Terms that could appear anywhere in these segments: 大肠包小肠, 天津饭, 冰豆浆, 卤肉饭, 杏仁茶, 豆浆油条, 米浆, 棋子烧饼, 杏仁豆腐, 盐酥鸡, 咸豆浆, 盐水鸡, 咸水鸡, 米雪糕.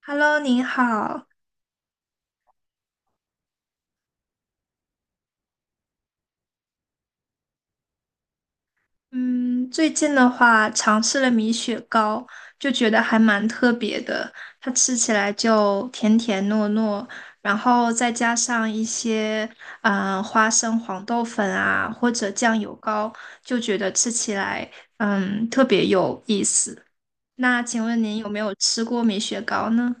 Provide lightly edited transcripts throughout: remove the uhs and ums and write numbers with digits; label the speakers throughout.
Speaker 1: Hello，您好。嗯，最近的话尝试了米雪糕，就觉得还蛮特别的。它吃起来就甜甜糯糯，然后再加上一些花生黄豆粉啊，或者酱油膏，就觉得吃起来特别有意思。那请问您有没有吃过米雪糕呢？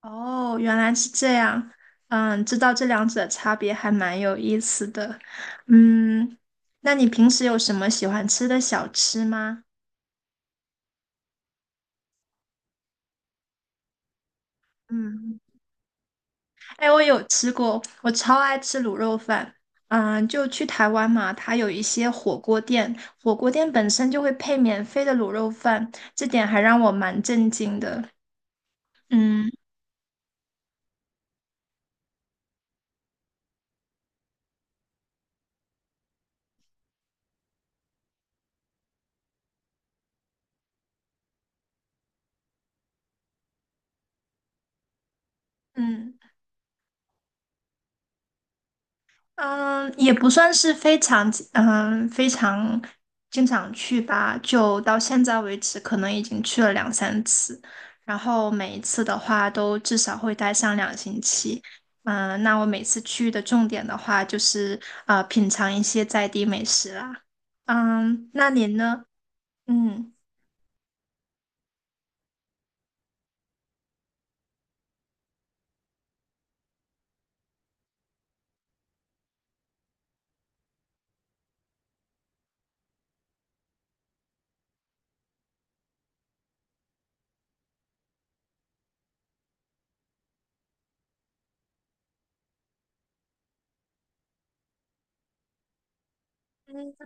Speaker 1: 哦，原来是这样。嗯，知道这两者差别还蛮有意思的。嗯，那你平时有什么喜欢吃的小吃吗？嗯，哎，我有吃过，我超爱吃卤肉饭。嗯，就去台湾嘛，它有一些火锅店，火锅店本身就会配免费的卤肉饭，这点还让我蛮震惊的。嗯嗯。嗯，也不算是非常，非常经常去吧。就到现在为止，可能已经去了两三次，然后每一次的话都至少会待上2星期。嗯，那我每次去的重点的话，就是品尝一些在地美食啦。嗯，那您呢？嗯。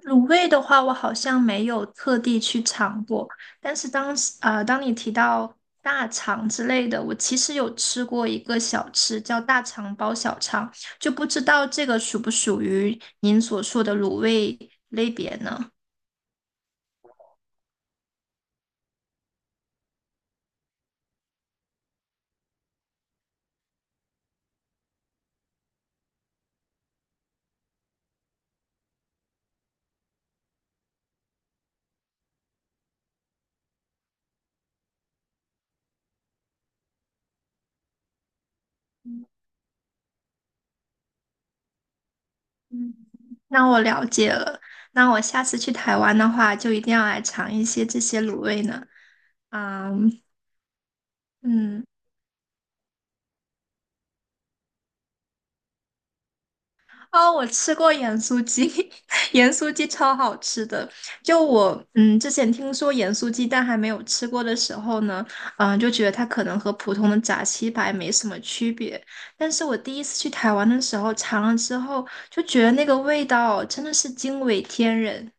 Speaker 1: 卤味的话，我好像没有特地去尝过，但是当你提到大肠之类的，我其实有吃过一个小吃叫大肠包小肠，就不知道这个属不属于您所说的卤味类别呢？嗯，那我了解了，那我下次去台湾的话，就一定要来尝一些这些卤味呢。嗯嗯，哦，我吃过盐酥鸡，盐酥鸡超好吃的。就我，之前听说盐酥鸡，但还没有吃过的时候呢，嗯，就觉得它可能和普通的炸鸡排没什么区别。但是我第一次去台湾的时候尝了之后，就觉得那个味道真的是惊为天人。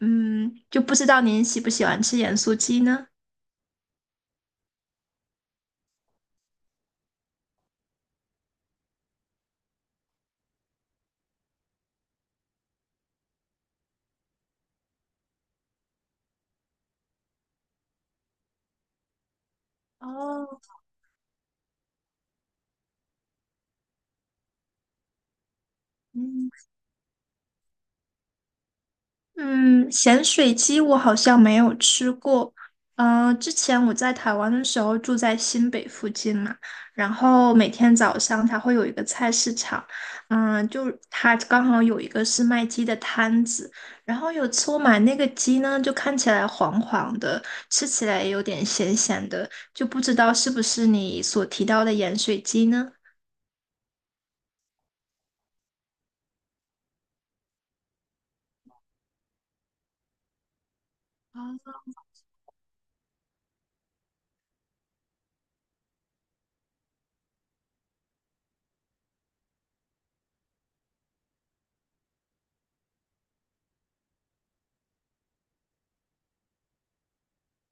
Speaker 1: 嗯，就不知道您喜不喜欢吃盐酥鸡呢？哦，嗯。嗯，咸水鸡我好像没有吃过。呃，之前我在台湾的时候住在新北附近嘛，然后每天早上它会有一个菜市场，就它刚好有一个是卖鸡的摊子，然后有次我买那个鸡呢，就看起来黄黄的，吃起来也有点咸咸的，就不知道是不是你所提到的盐水鸡呢？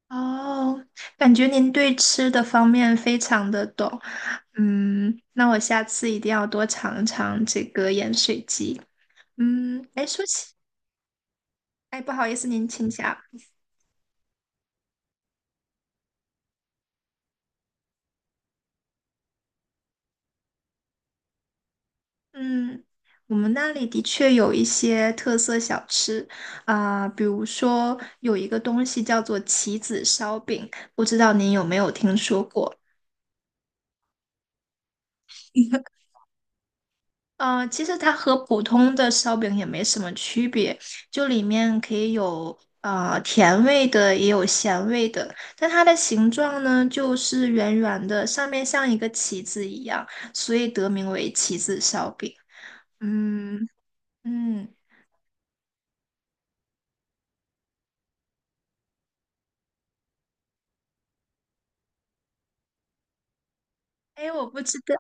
Speaker 1: 哦，感觉您对吃的方面非常的懂，嗯，那我下次一定要多尝尝这个盐水鸡。嗯，哎，说起，哎，不好意思，您请讲。嗯，我们那里的确有一些特色小吃啊，比如说有一个东西叫做棋子烧饼，不知道您有没有听说过？呃，其实它和普通的烧饼也没什么区别，就里面可以有甜味的，也有咸味的。但它的形状呢，就是圆圆的，上面像一个旗子一样，所以得名为旗子烧饼。嗯嗯，哎，我不知道。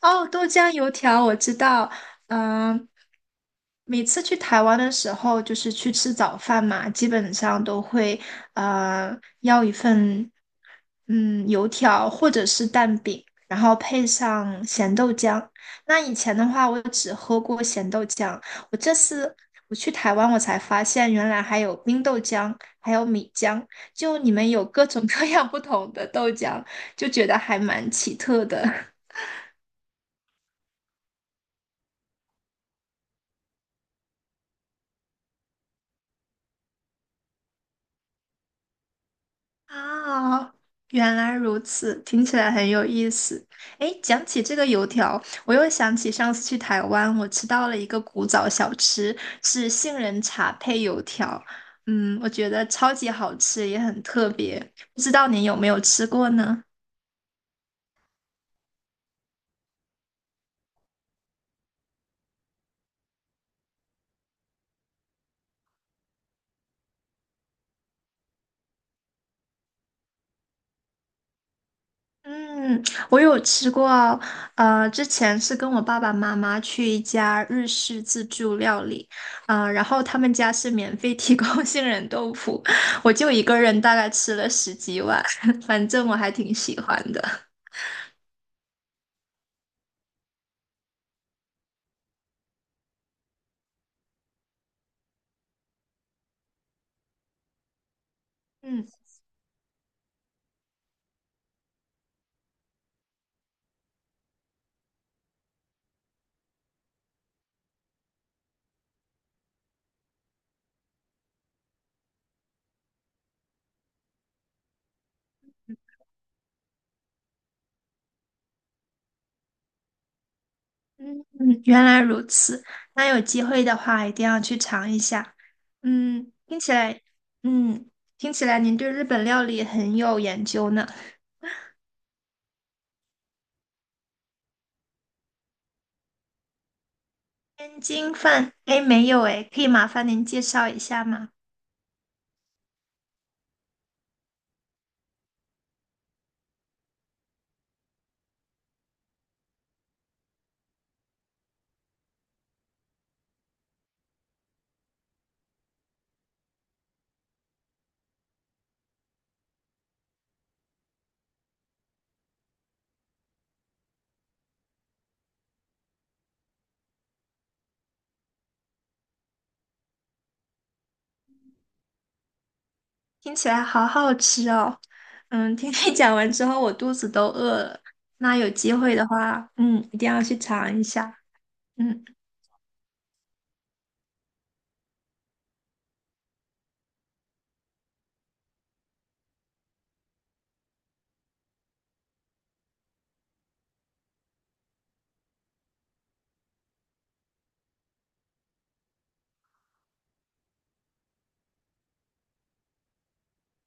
Speaker 1: 哦，豆浆油条我知道，嗯，每次去台湾的时候，就是去吃早饭嘛，基本上都会呃要一份油条或者是蛋饼，然后配上咸豆浆。那以前的话，我只喝过咸豆浆，我这次去台湾，我才发现原来还有冰豆浆，还有米浆，就你们有各种各样不同的豆浆，就觉得还蛮奇特的。啊，原来如此，听起来很有意思。诶，讲起这个油条，我又想起上次去台湾，我吃到了一个古早小吃，是杏仁茶配油条。嗯，我觉得超级好吃，也很特别。不知道您有没有吃过呢？嗯，我有吃过，呃，之前是跟我爸爸妈妈去一家日式自助料理，呃，然后他们家是免费提供 杏仁豆腐，我就一个人大概吃了十几碗，反正我还挺喜欢的。嗯嗯，原来如此，那有机会的话一定要去尝一下。嗯，听起来，嗯，听起来您对日本料理很有研究呢。天津饭，哎，没有哎，可以麻烦您介绍一下吗？听起来好好吃哦。嗯，听你 讲完之后，我肚子都饿了。那有机会的话，嗯，一定要去尝一下。嗯，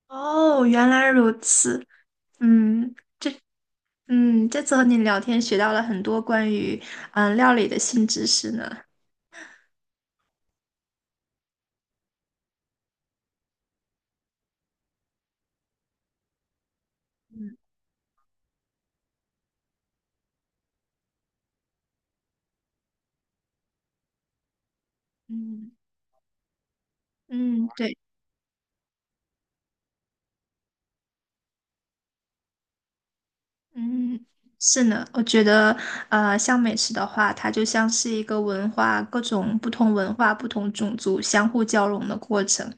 Speaker 1: 哦，原来如此。嗯嗯，这次和你聊天学到了很多关于料理的新知识呢。嗯嗯嗯，对。嗯，是呢，我觉得，呃，像美食的话，它就像是一个文化，各种不同文化、不同种族相互交融的过程。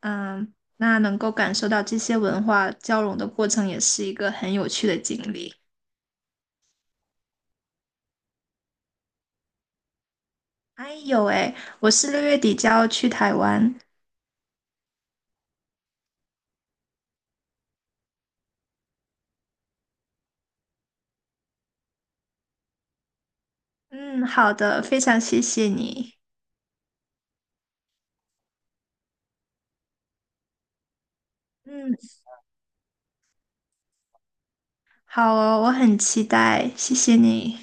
Speaker 1: 嗯，那能够感受到这些文化交融的过程，也是一个很有趣的经历。哎有哎，我是6月底就要去台湾。嗯，好的，非常谢谢你。嗯，好哦，我很期待，谢谢你。